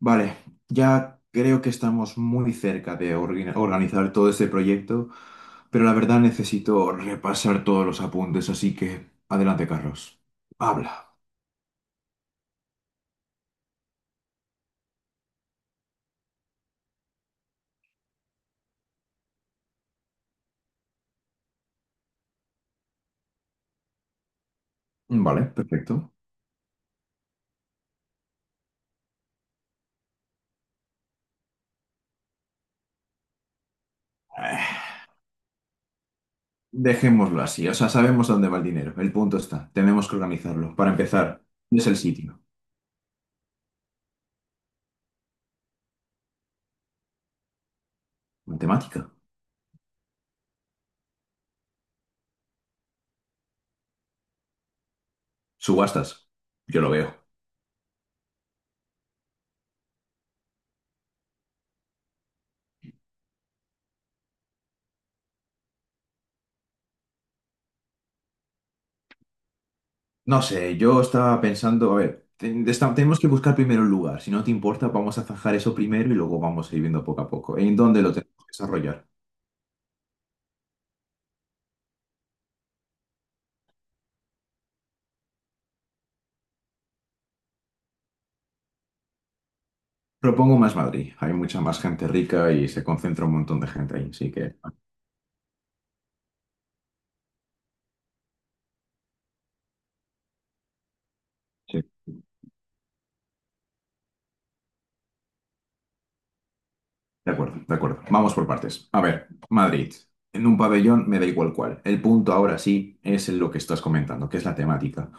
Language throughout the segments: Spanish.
Vale, ya creo que estamos muy cerca de organizar todo este proyecto, pero la verdad necesito repasar todos los apuntes, así que adelante, Carlos. Habla. Vale, perfecto. Eh, Dejémoslo así, o sea, sabemos dónde va el dinero. El punto está, tenemos que organizarlo. Para empezar, ¿dónde es el sitio? Matemática. Subastas. Yo lo veo. No sé, yo estaba pensando, a ver, tenemos que buscar primero un lugar. Si no te importa, vamos a zanjar eso primero y luego vamos a ir viendo poco a poco. ¿En dónde lo tenemos que desarrollar? Propongo más Madrid. Hay mucha más gente rica y se concentra un montón de gente ahí, así que... De acuerdo, de acuerdo. Vamos por partes. A ver, Madrid. En un pabellón me da igual cuál. El punto ahora sí es en lo que estás comentando, que es la temática.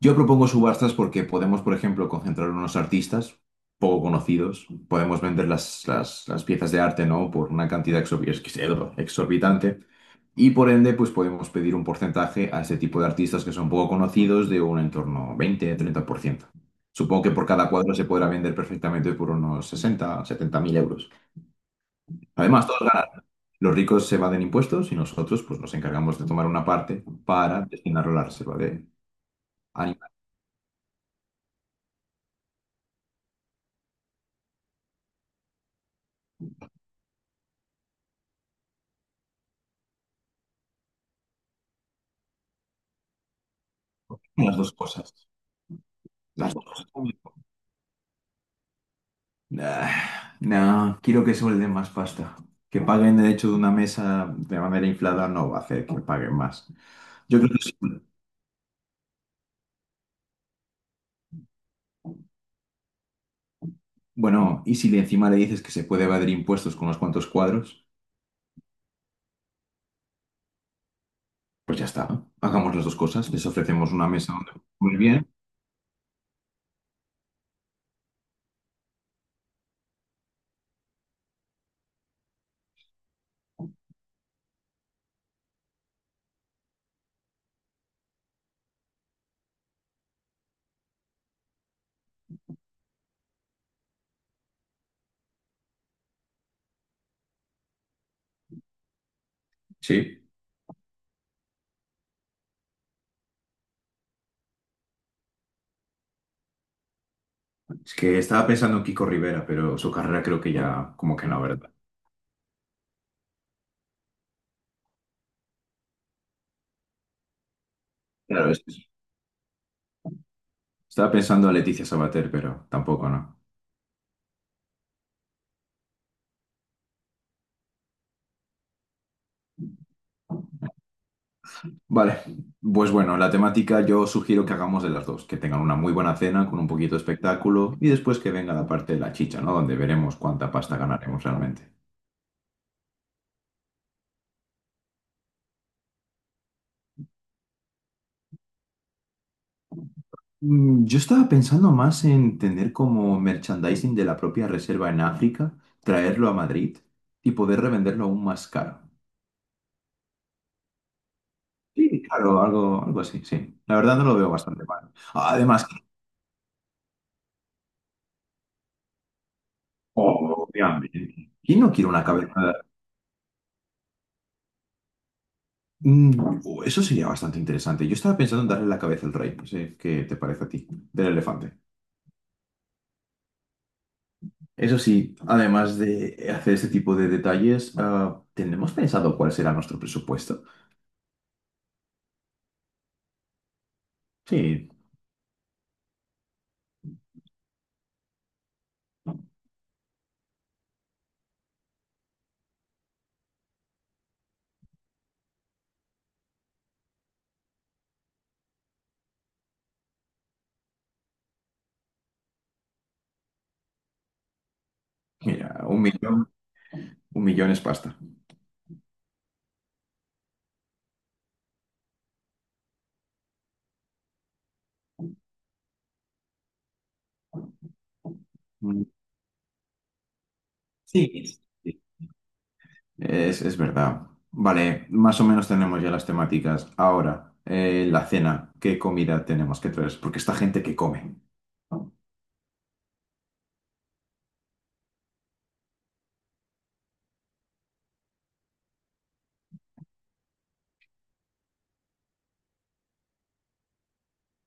Yo propongo subastas porque podemos, por ejemplo, concentrar unos artistas poco conocidos, podemos vender las piezas de arte, ¿no? Por una cantidad exorbi- es exorbitante y por ende, pues podemos pedir un porcentaje a ese tipo de artistas que son poco conocidos de un entorno 20-30%. Supongo que por cada cuadro se podrá vender perfectamente por unos 60.000-70.000 euros. Además, todos ganan. Los ricos se evaden impuestos y nosotros pues, nos encargamos de tomar una parte para destinarlo a la reserva de animales. Las dos cosas. Las dos cosas. Ah, no, quiero que suelden más pasta. Que paguen el hecho de una mesa de manera inflada no va a hacer que paguen más. Yo creo que sí. Bueno, y si le encima le dices que se puede evadir impuestos con unos cuantos cuadros, pues ya está, ¿no? Hagamos las dos cosas. Les ofrecemos una mesa donde comer bien. Sí. Es que estaba pensando en Kiko Rivera, pero su carrera creo que ya, como que no, ¿verdad? Claro, estaba pensando en Leticia Sabater, pero tampoco, ¿no? Vale, pues bueno, la temática yo sugiero que hagamos de las dos, que tengan una muy buena cena con un poquito de espectáculo y después que venga la parte de la chicha, ¿no? Donde veremos cuánta pasta ganaremos realmente. Yo estaba pensando más en tener como merchandising de la propia reserva en África, traerlo a Madrid y poder revenderlo aún más caro. Sí, claro, algo, algo así, sí. La verdad no lo veo bastante mal. Además, oh, obviamente, ¿quién no quiere una cabeza? Oh, eso sería bastante interesante. Yo estaba pensando en darle la cabeza al rey, no sé qué te parece a ti, del elefante. Eso sí, además de hacer este tipo de detalles, ah, ¿tenemos pensado cuál será nuestro presupuesto? Sí, mira, un millón es pasta. Mm, Sí. Es verdad. Vale, más o menos tenemos ya las temáticas. Ahora, la cena, ¿qué comida tenemos que traer? Porque esta gente que come, ¿no?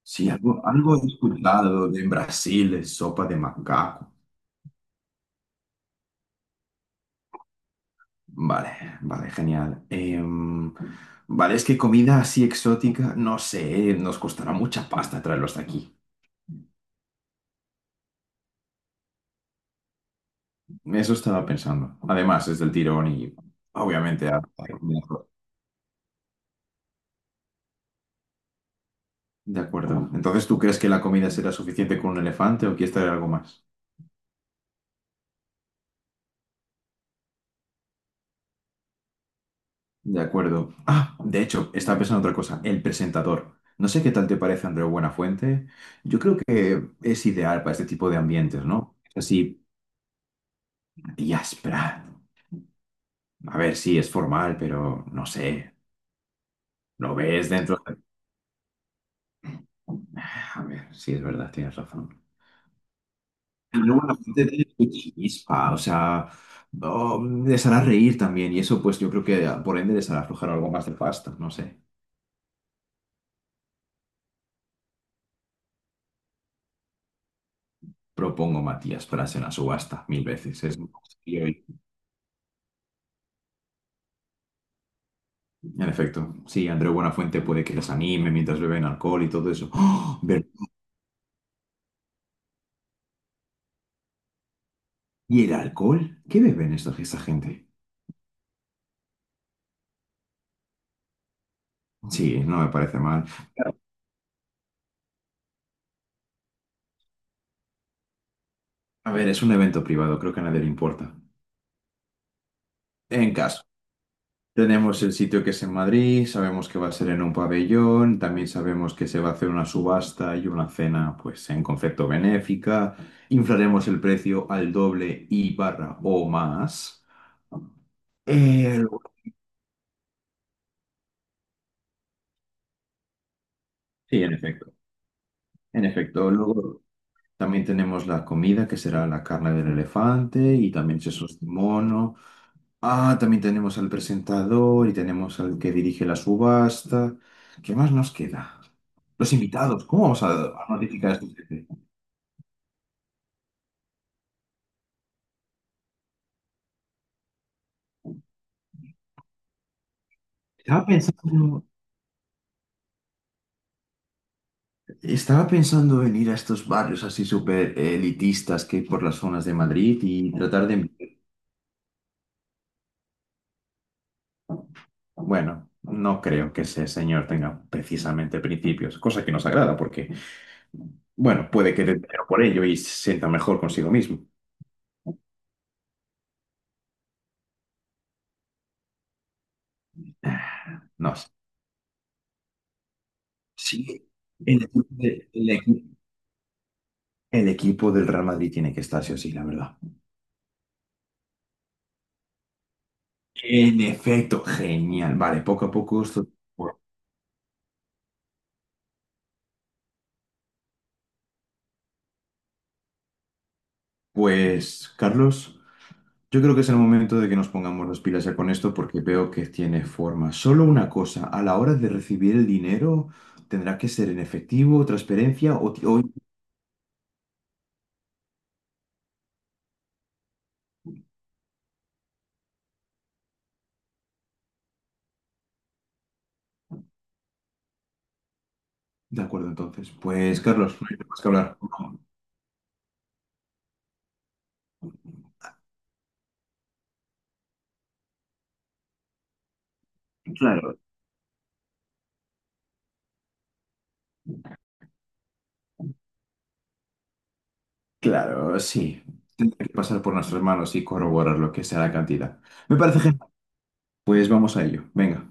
Sí, algo, algo he escuchado de en Brasil, de sopa de macaco. Vale, vale, genial. Vale, es que comida así exótica, no sé, nos costará mucha pasta traerlo hasta aquí. Eso estaba pensando. Además, es del tirón y obviamente... De acuerdo. Entonces, ¿tú crees que la comida será suficiente con un elefante o quieres traer algo más? De acuerdo. Ah, de hecho, estaba pensando en otra cosa. El presentador. No sé qué tal te parece Andreu Buenafuente. Yo creo que es ideal para este tipo de ambientes, ¿no? Es así, y áspera. A ver, sí, es formal, pero no sé. Lo ves dentro de... Ah, a ver, sí, es verdad, tienes razón. Andreu Buenafuente tiene su chispa, o sea, oh, les hará reír también. Y eso, pues, yo creo que ah, por ende les hará aflojar algo más de pasta, no sé. Propongo Matías para hacer una subasta mil veces. Es más. En efecto, sí, Andreu Buenafuente puede que les anime mientras beben alcohol y todo eso. ¡Oh! ¿Y el alcohol? ¿Qué beben esta gente? Sí, no me parece mal. Claro, a ver, es un evento privado, creo que a nadie le importa. En caso, tenemos el sitio que es en Madrid, sabemos que va a ser en un pabellón, también sabemos que se va a hacer una subasta y una cena, pues en concepto benéfica. Inflaremos el precio al doble y barra o más. Eh, sí, en efecto. En efecto, luego. También tenemos la comida, que será la carne del elefante y también sesos de mono. Ah, también tenemos al presentador y tenemos al que dirige la subasta. ¿Qué más nos queda? Los invitados, ¿cómo vamos a notificar a estos gente? Estaba pensando, estaba pensando en ir a estos barrios así súper elitistas que hay por las zonas de Madrid y tratar de... Bueno, no creo que ese señor tenga precisamente principios, cosa que nos agrada porque... Bueno, puede que dinero por ello y se sienta mejor consigo mismo. No sé. Sí, el equipo, el equipo del Real Madrid tiene que estar sí o sí, la verdad. En efecto, genial. Vale, poco a poco esto. Bueno, pues, Carlos, yo creo que es el momento de que nos pongamos las pilas ya con esto porque veo que tiene forma. Solo una cosa, a la hora de recibir el dinero, ¿tendrá que ser en efectivo, transferencia o... De acuerdo, entonces. Pues, Carlos, no hay más que hablar. Claro. Claro, sí. Tendrá que pasar por nuestras manos y corroborar lo que sea la cantidad. Me parece genial. Pues vamos a ello. Venga.